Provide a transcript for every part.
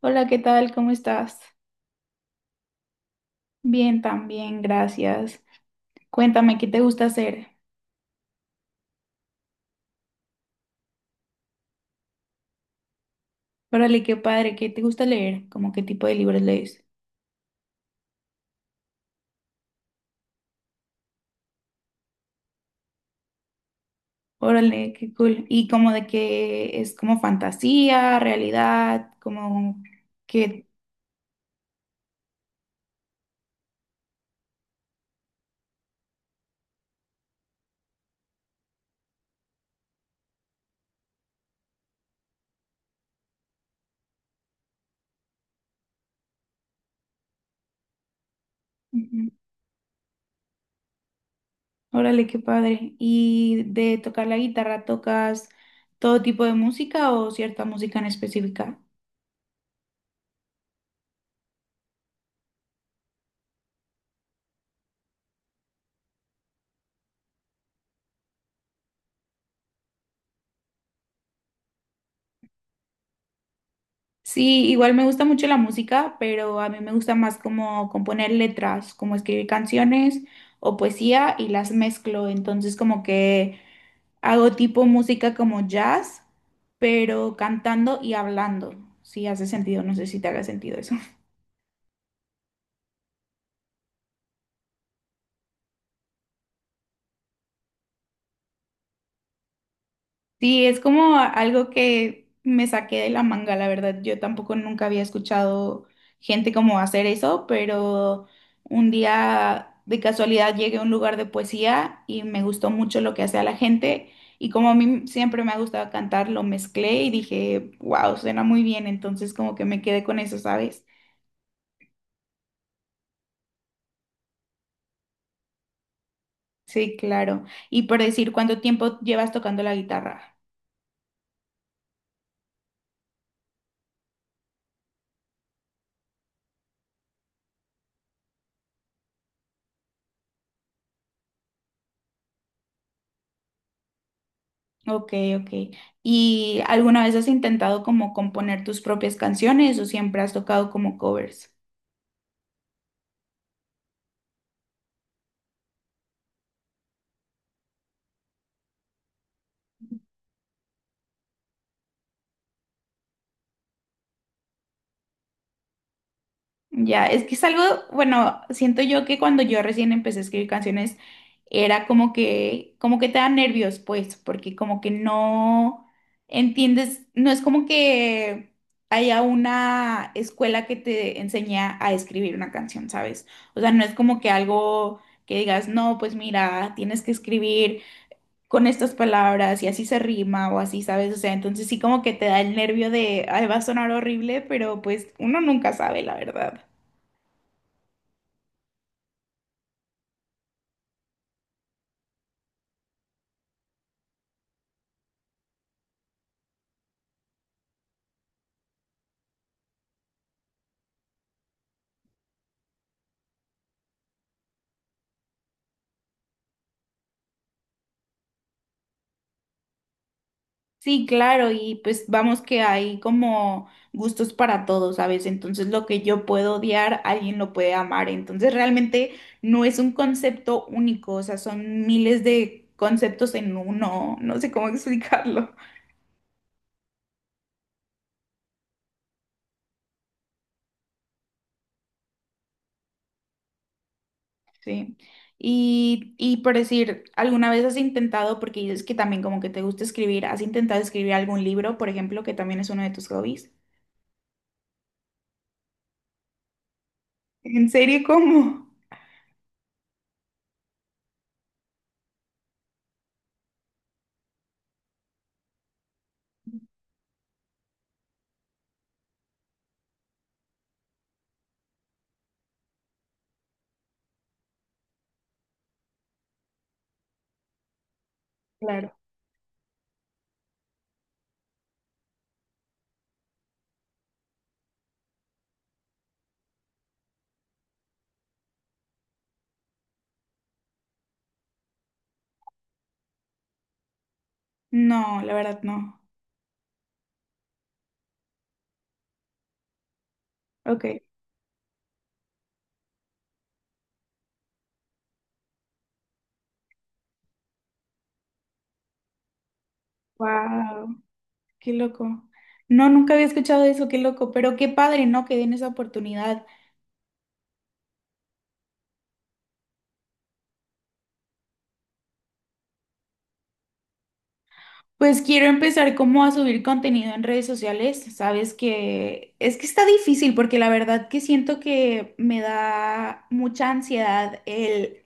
Hola, ¿qué tal? ¿Cómo estás? Bien, también, gracias. Cuéntame, ¿qué te gusta hacer? Órale, qué padre, ¿qué te gusta leer? ¿Cómo qué tipo de libros lees? Órale, qué cool. ¿Y como de qué es? ¿Como fantasía, realidad, como que...? Ujú. Órale, qué padre. ¿Y de tocar la guitarra, tocas todo tipo de música o cierta música en específica? Sí, igual me gusta mucho la música, pero a mí me gusta más como componer letras, como escribir canciones o poesía y las mezclo. Entonces como que hago tipo música como jazz, pero cantando y hablando. Si hace sentido, no sé si te haga sentido eso. Sí, es como algo que me saqué de la manga, la verdad. Yo tampoco nunca había escuchado gente como hacer eso, pero un día de casualidad llegué a un lugar de poesía y me gustó mucho lo que hacía la gente. Y como a mí siempre me ha gustado cantar, lo mezclé y dije, wow, suena muy bien. Entonces como que me quedé con eso, ¿sabes? Sí, claro. Y por decir, ¿cuánto tiempo llevas tocando la guitarra? Ok, ok. ¿Y alguna vez has intentado como componer tus propias canciones o siempre has tocado como covers? Ya, es que es algo, bueno, siento yo que cuando yo recién empecé a escribir canciones era como que te da nervios, pues, porque como que no entiendes, no es como que haya una escuela que te enseñe a escribir una canción, ¿sabes? O sea, no es como que algo que digas, no, pues mira, tienes que escribir con estas palabras y así se rima o así, ¿sabes? O sea, entonces sí como que te da el nervio de, ay, va a sonar horrible, pero pues uno nunca sabe, la verdad. Sí, claro, y pues vamos que hay como gustos para todos, ¿sabes? Entonces lo que yo puedo odiar, alguien lo puede amar. Entonces realmente no es un concepto único, o sea, son miles de conceptos en uno, no sé cómo explicarlo. Sí. Y por decir, ¿alguna vez has intentado, porque dices que también como que te gusta escribir, has intentado escribir algún libro, por ejemplo, que también es uno de tus hobbies? ¿En serio? ¿Cómo? Claro. No, la verdad no. Ok. Wow, qué loco. No, nunca había escuchado eso, qué loco, pero qué padre, ¿no? Que den esa oportunidad. Pues quiero empezar como a subir contenido en redes sociales. Sabes que es que está difícil porque la verdad que siento que me da mucha ansiedad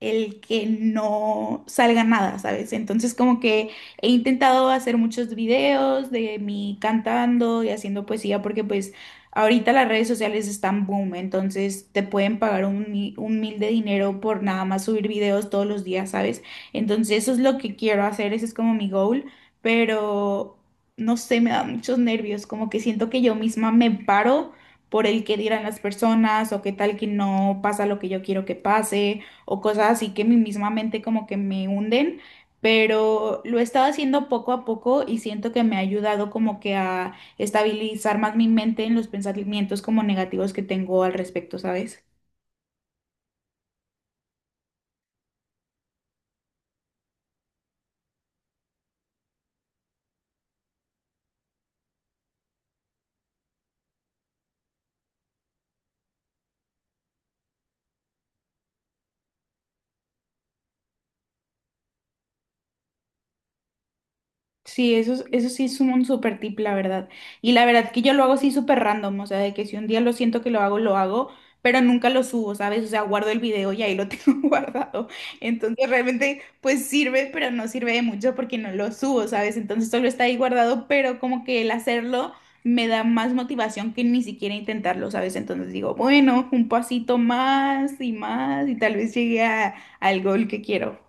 el que no salga nada, ¿sabes? Entonces como que he intentado hacer muchos videos de mí cantando y haciendo poesía porque pues ahorita las redes sociales están boom, entonces te pueden pagar un, un mil de dinero por nada más subir videos todos los días, ¿sabes? Entonces eso es lo que quiero hacer, ese es como mi goal, pero no sé, me da muchos nervios, como que siento que yo misma me paro por el que dirán las personas o qué tal que no pasa lo que yo quiero que pase o cosas así que mi misma mente como que me hunden, pero lo he estado haciendo poco a poco y siento que me ha ayudado como que a estabilizar más mi mente en los pensamientos como negativos que tengo al respecto, ¿sabes? Sí, eso, eso sí es un super tip, la verdad. Y la verdad que yo lo hago así súper random, o sea, de que si un día lo siento que lo hago, pero nunca lo subo, ¿sabes? O sea, guardo el video y ahí lo tengo guardado. Entonces realmente pues sirve, pero no sirve de mucho porque no lo subo, ¿sabes? Entonces solo está ahí guardado, pero como que el hacerlo me da más motivación que ni siquiera intentarlo, ¿sabes? Entonces digo, bueno, un pasito más y más y tal vez llegue al gol que quiero.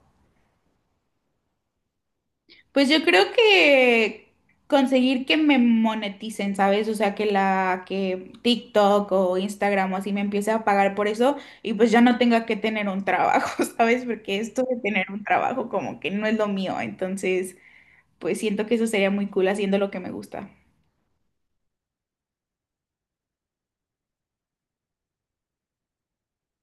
Pues yo creo que conseguir que me moneticen, ¿sabes? O sea, que TikTok o Instagram o así me empiece a pagar por eso y pues ya no tenga que tener un trabajo, ¿sabes? Porque esto de tener un trabajo como que no es lo mío, entonces pues siento que eso sería muy cool haciendo lo que me gusta.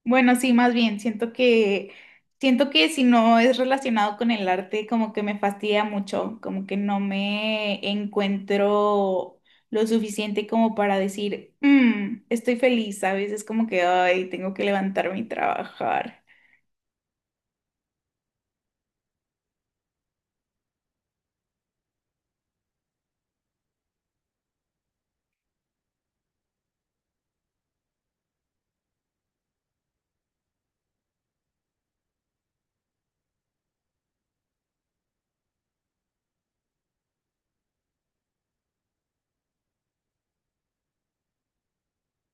Bueno, sí, más bien, siento que si no es relacionado con el arte, como que me fastidia mucho, como que no me encuentro lo suficiente como para decir, "Mm, estoy feliz", ¿sabes? Es como que, ay, tengo que levantarme y trabajar.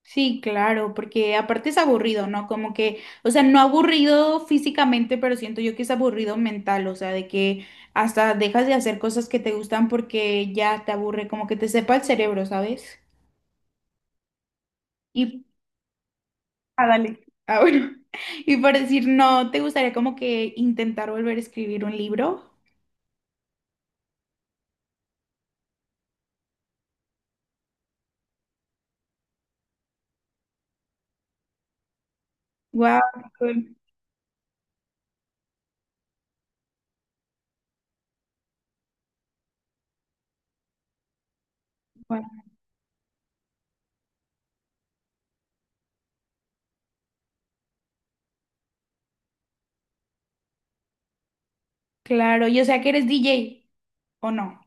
Sí, claro, porque aparte es aburrido, ¿no? Como que, o sea, no aburrido físicamente, pero siento yo que es aburrido mental, o sea, de que hasta dejas de hacer cosas que te gustan porque ya te aburre, como que te sepa el cerebro, ¿sabes? Y, ah, dale. Ah, bueno. Y por decir, no, ¿te gustaría como que intentar volver a escribir un libro? Wow, claro. Yo sé que eres DJ, ¿o no?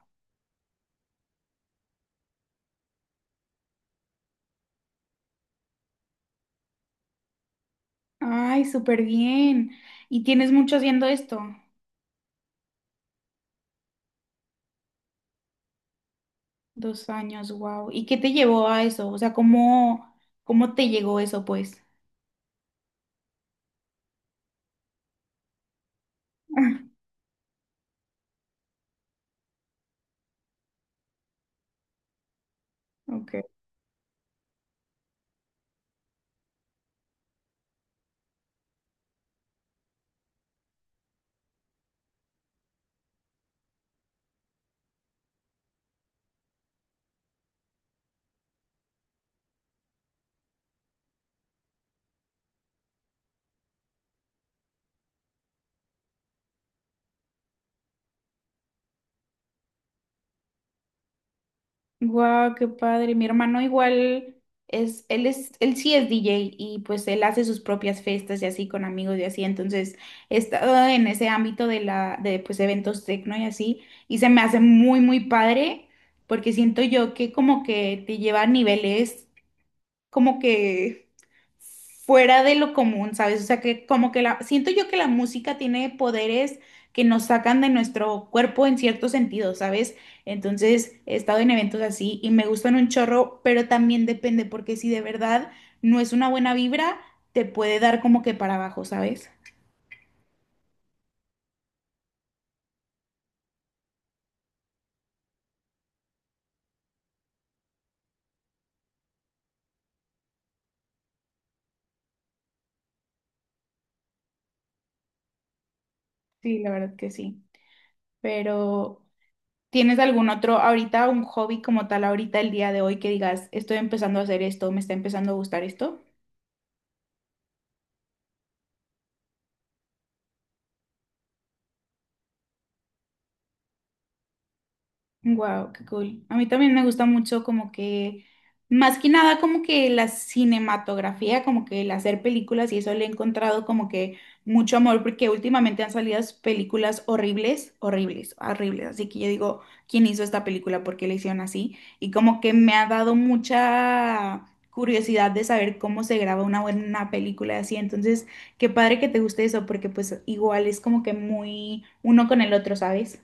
Ay, súper bien. ¿Y tienes mucho haciendo esto? 2 años, wow. ¿Y qué te llevó a eso? O sea, ¿cómo, cómo te llegó eso, pues? Ok. Guau, qué padre. Mi hermano igual es, él sí es DJ y pues él hace sus propias fiestas y así con amigos y así. Entonces he estado en ese ámbito de la, de pues eventos tecno y así. Y se me hace muy, muy padre porque siento yo que como que te lleva a niveles como que fuera de lo común, ¿sabes? O sea, que como que la, siento yo que la música tiene poderes que nos sacan de nuestro cuerpo en cierto sentido, ¿sabes? Entonces, he estado en eventos así y me gustan un chorro, pero también depende, porque si de verdad no es una buena vibra, te puede dar como que para abajo, ¿sabes? Sí, la verdad que sí. Pero, ¿tienes algún otro ahorita, un hobby como tal ahorita el día de hoy que digas, estoy empezando a hacer esto, me está empezando a gustar esto? Wow, qué cool. A mí también me gusta mucho como que, más que nada como que la cinematografía, como que el hacer películas y eso le he encontrado como que mucho amor porque últimamente han salido películas horribles, horribles, horribles. Así que yo digo, ¿quién hizo esta película? ¿Por qué la hicieron así? Y como que me ha dado mucha curiosidad de saber cómo se graba una buena película así. Entonces, qué padre que te guste eso porque pues igual es como que muy uno con el otro, ¿sabes?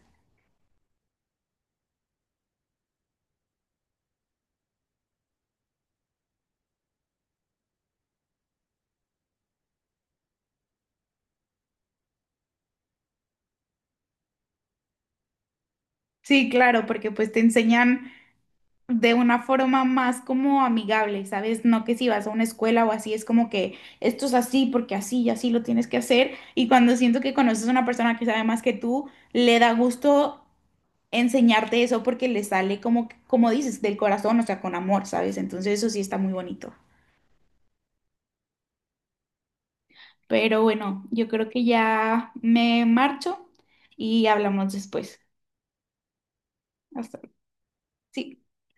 Sí, claro, porque pues te enseñan de una forma más como amigable, ¿sabes? No que si vas a una escuela o así, es como que esto es así porque así y así lo tienes que hacer. Y cuando siento que conoces a una persona que sabe más que tú, le da gusto enseñarte eso porque le sale como, como dices, del corazón, o sea, con amor, ¿sabes? Entonces eso sí está muy bonito. Pero bueno, yo creo que ya me marcho y hablamos después. Hasta, sí.